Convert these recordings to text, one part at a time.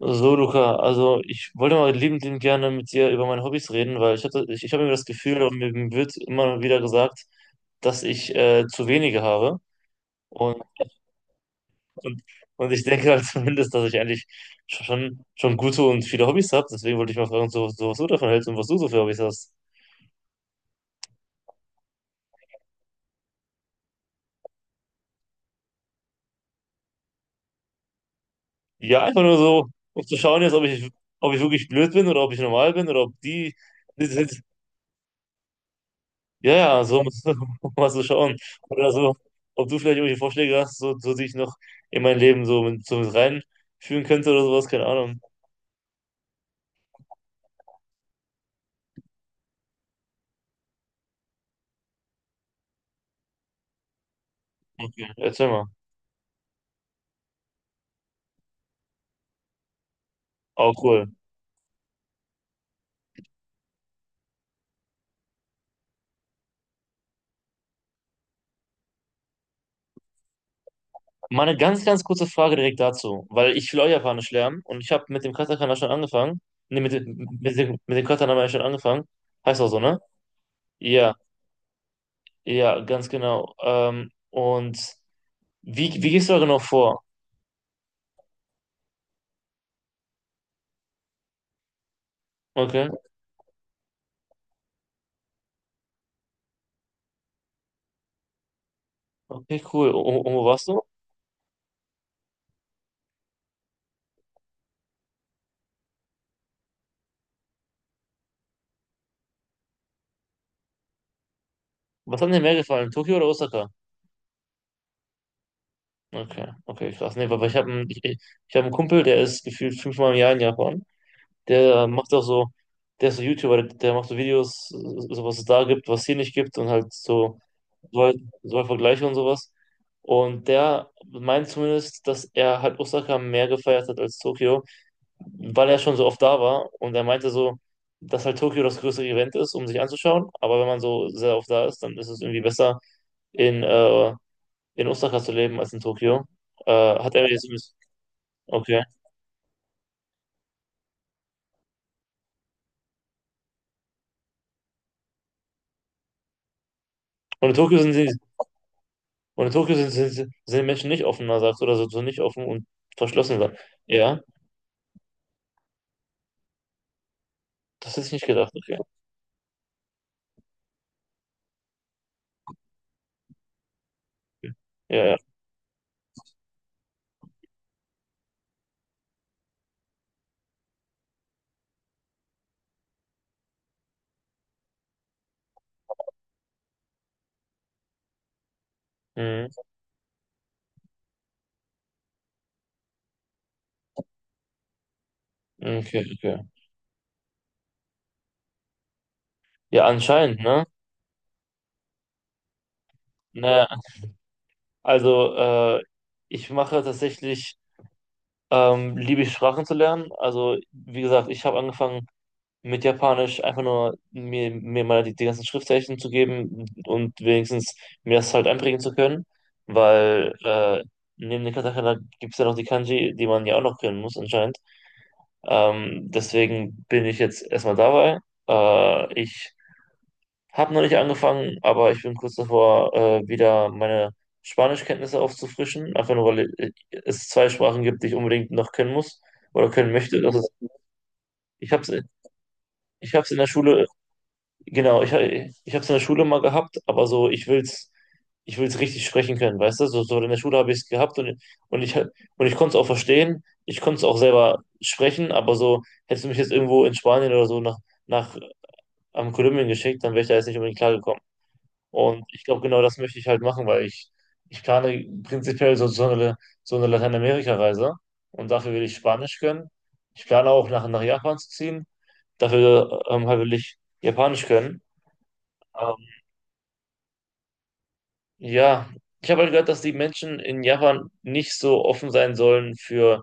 So, Luca, also ich wollte mal liebend gerne mit dir über meine Hobbys reden, weil ich habe immer das Gefühl, und mir wird immer wieder gesagt, dass ich zu wenige habe. Und, und, und ich denke halt zumindest, dass ich eigentlich schon gute und viele Hobbys habe. Deswegen wollte ich mal fragen, so, was du davon hältst und was du so für Hobbys hast. Ja, einfach nur so, um zu schauen jetzt, ob ich wirklich blöd bin oder ob ich normal bin oder ob die ja, ja, so musst du, musst du schauen. Oder so, ob du vielleicht irgendwelche Vorschläge hast, so die ich noch in mein Leben so mit reinführen könnte oder sowas, keine Ahnung. Okay, erzähl mal. Auch cool. Mal eine ganz, ganz kurze Frage direkt dazu, weil ich will auch Japanisch lernen und ich habe mit dem Katakana schon angefangen. Ne, mit dem Katakana habe ich schon angefangen. Heißt auch so, ne? Ja, ja, ganz genau. Und wie gehst du da genau vor? Okay, okay, cool. Und wo warst du? Was hat dir mehr gefallen, Tokio oder Osaka? Okay, okay, krass. Nee, aber ich hab einen Kumpel, der ist gefühlt fünfmal im Jahr in Japan. Der macht auch so, der ist so YouTuber, der macht so Videos, so was es da gibt, was es hier nicht gibt und halt so, so halt, so halt Vergleiche und sowas. Und der meint zumindest, dass er halt Osaka mehr gefeiert hat als Tokio, weil er schon so oft da war. Und er meinte so, dass halt Tokio das größere Event ist, um sich anzuschauen. Aber wenn man so sehr oft da ist, dann ist es irgendwie besser, in äh, in Osaka zu leben als in Tokio. Hat er jetzt. Okay. Und in Tokio sind sie, und in Tokio sind, sind, sind die Menschen nicht offener, sagst du, oder so, nicht offen und verschlossener. Ja, das hätte ich nicht gedacht, okay. Ja, ja. Mhm. Okay, okay. Ja, anscheinend, ne? Naja, also, ich mache tatsächlich, liebe ich Sprachen zu lernen. Also, wie gesagt, ich habe angefangen, mit Japanisch einfach nur mir mal die ganzen Schriftzeichen zu geben und wenigstens mir das halt einprägen zu können, weil neben den Katakana gibt es ja noch die Kanji, die man ja auch noch können muss anscheinend. Deswegen bin ich jetzt erstmal dabei. Ich habe noch nicht angefangen, aber ich bin kurz davor, wieder meine Spanischkenntnisse aufzufrischen, einfach nur, weil es zwei Sprachen gibt, die ich unbedingt noch können muss oder können möchte. Das ist, ich habe es ich hab's in der Schule Genau, ich habe es in der Schule mal gehabt, aber so, ich will's richtig sprechen können, weißt du? So in der Schule habe ich es gehabt und ich konnte es auch verstehen, ich konnte es auch selber sprechen, aber so, hättest du mich jetzt irgendwo in Spanien oder so nach, am Kolumbien geschickt, dann wäre ich da jetzt nicht unbedingt klargekommen. Und ich glaube, genau das möchte ich halt machen, weil ich plane prinzipiell so eine Lateinamerika-Reise und dafür will ich Spanisch können. Ich plane auch nach Japan zu ziehen, dafür halt will ich Japanisch können. Ja, ich habe halt gehört, dass die Menschen in Japan nicht so offen sein sollen für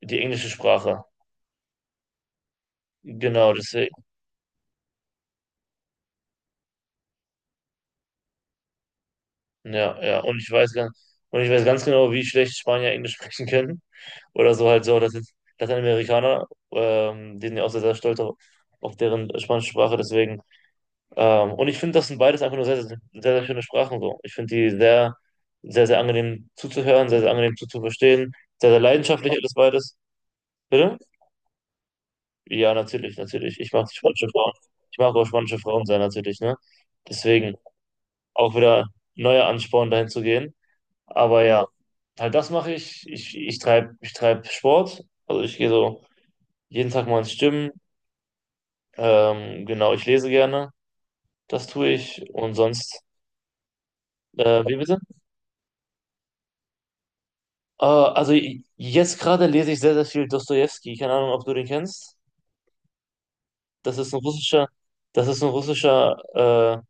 die englische Sprache. Genau, deswegen. Ja, ja. Und ich weiß ganz genau, wie schlecht Spanier Englisch sprechen können. Oder so halt so, dass jetzt Lateinamerikaner, die sind ja auch sehr, sehr stolz auf deren spanische Sprache, deswegen. Und ich finde, das sind beides einfach nur sehr, sehr, sehr, sehr schöne Sprachen so. Ich finde die sehr, sehr, sehr angenehm zuzuhören, sehr, sehr angenehm zuzuverstehen, sehr, sehr leidenschaftlich alles beides. Bitte? Ja, natürlich, natürlich. Ich mag spanische Frauen. Ich mag auch spanische Frauen sein, natürlich, ne? Deswegen auch wieder neuer Ansporn, dahin zu gehen. Aber ja, halt das mache ich. Ich treibe ich treib Sport. Also ich gehe so jeden Tag mal ins Gym. Genau, ich lese gerne. Das tue ich. Und sonst, wie bitte? Also jetzt gerade lese ich sehr, sehr viel Dostojewski. Keine Ahnung, ob du den kennst. Das ist ein russischer, das ist ein russischer,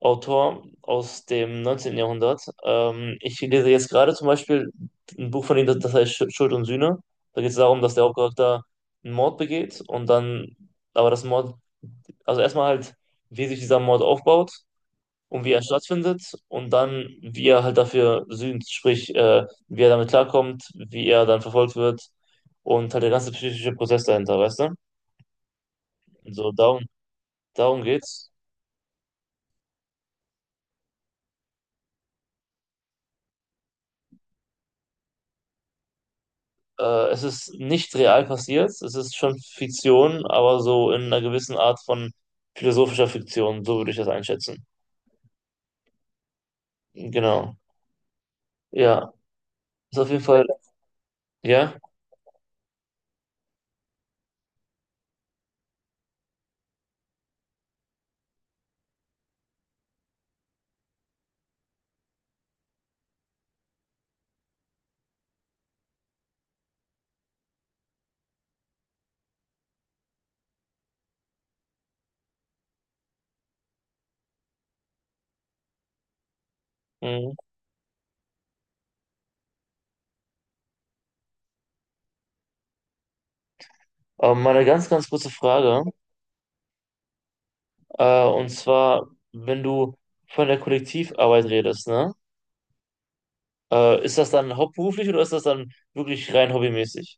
Autor aus dem 19. Jahrhundert. Ich lese jetzt gerade zum Beispiel ein Buch von ihm, das heißt Schuld und Sühne. Da geht es darum, dass der Hauptcharakter einen Mord begeht und dann, aber das Mord, also erstmal halt, wie sich dieser Mord aufbaut und wie er stattfindet und dann, wie er halt dafür sühnt, sprich, wie er damit klarkommt, wie er dann verfolgt wird und halt der ganze psychische Prozess dahinter, weißt du? So, darum geht's. Es ist nicht real passiert, es ist schon Fiktion, aber so in einer gewissen Art von philosophischer Fiktion, so würde ich das einschätzen. Genau. Ja, ist auf jeden Fall, ja. Mhm. Aber mal eine ganz, ganz kurze Frage. Und zwar, wenn du von der Kollektivarbeit redest, ne? Ist das dann hauptberuflich oder ist das dann wirklich rein hobbymäßig?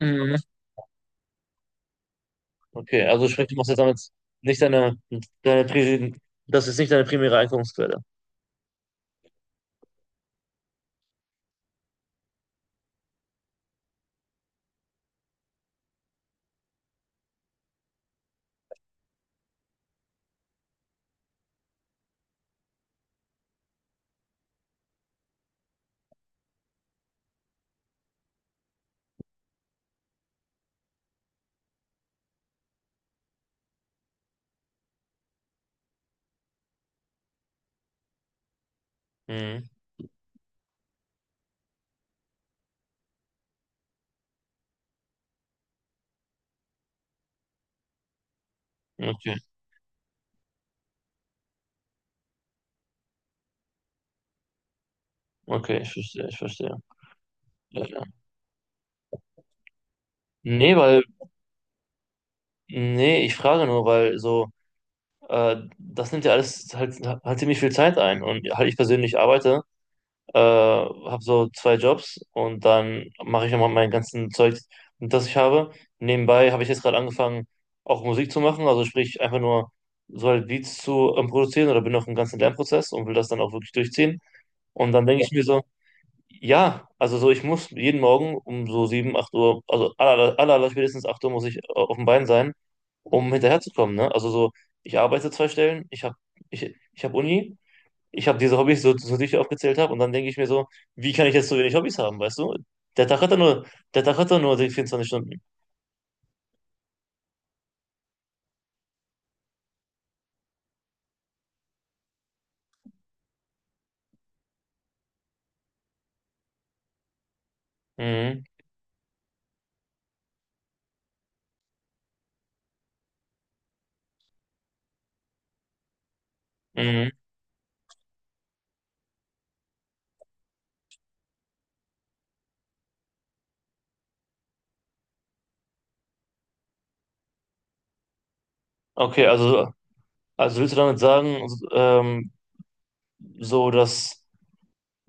Mhm. Okay, also sprich, du machst jetzt damit nicht deine, deine, Pri- das ist nicht deine primäre Einkommensquelle. Mhm. Okay. Okay, ich verstehe, ich verstehe. Ja, ja. Nee, nee, ich frage nur, weil so, das nimmt ja alles halt ziemlich viel Zeit ein. Und halt ich persönlich habe so zwei Jobs und dann mache ich immer mein ganzen Zeug, das ich habe. Nebenbei habe ich jetzt gerade angefangen, auch Musik zu machen, also sprich einfach nur so halt Beats zu produzieren oder bin noch im ganzen Lernprozess und will das dann auch wirklich durchziehen. Und dann denke ich mir so: Ja, also so, ich muss jeden Morgen um so 7 8 Uhr, also aller spätestens 8 Uhr muss ich auf dem Bein sein, um hinterherzukommen, ne? Also so, ich arbeite zwei Stellen, ich hab Uni, ich habe diese Hobbys, so die ich aufgezählt habe, und dann denke ich mir so, wie kann ich jetzt so wenig Hobbys haben, weißt du? Der Tag hat doch nur, der Tag hat doch nur 24 Stunden. Mhm, mhm. Okay, also willst du damit sagen, ähm, so dass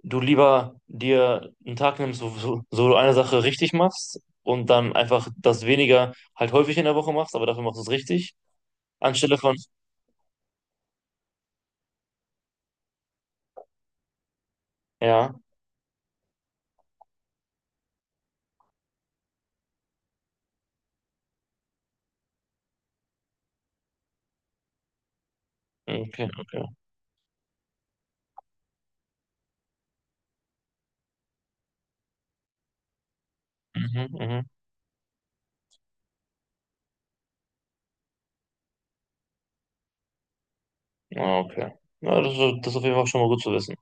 du lieber dir einen Tag nimmst, wo so du eine Sache richtig machst und dann einfach das weniger halt häufig in der Woche machst, aber dafür machst du es richtig, anstelle von, ja, okay, okay, mhm, mhm, ah, okay. Ja, das ist auf jeden Fall schon mal gut zu wissen.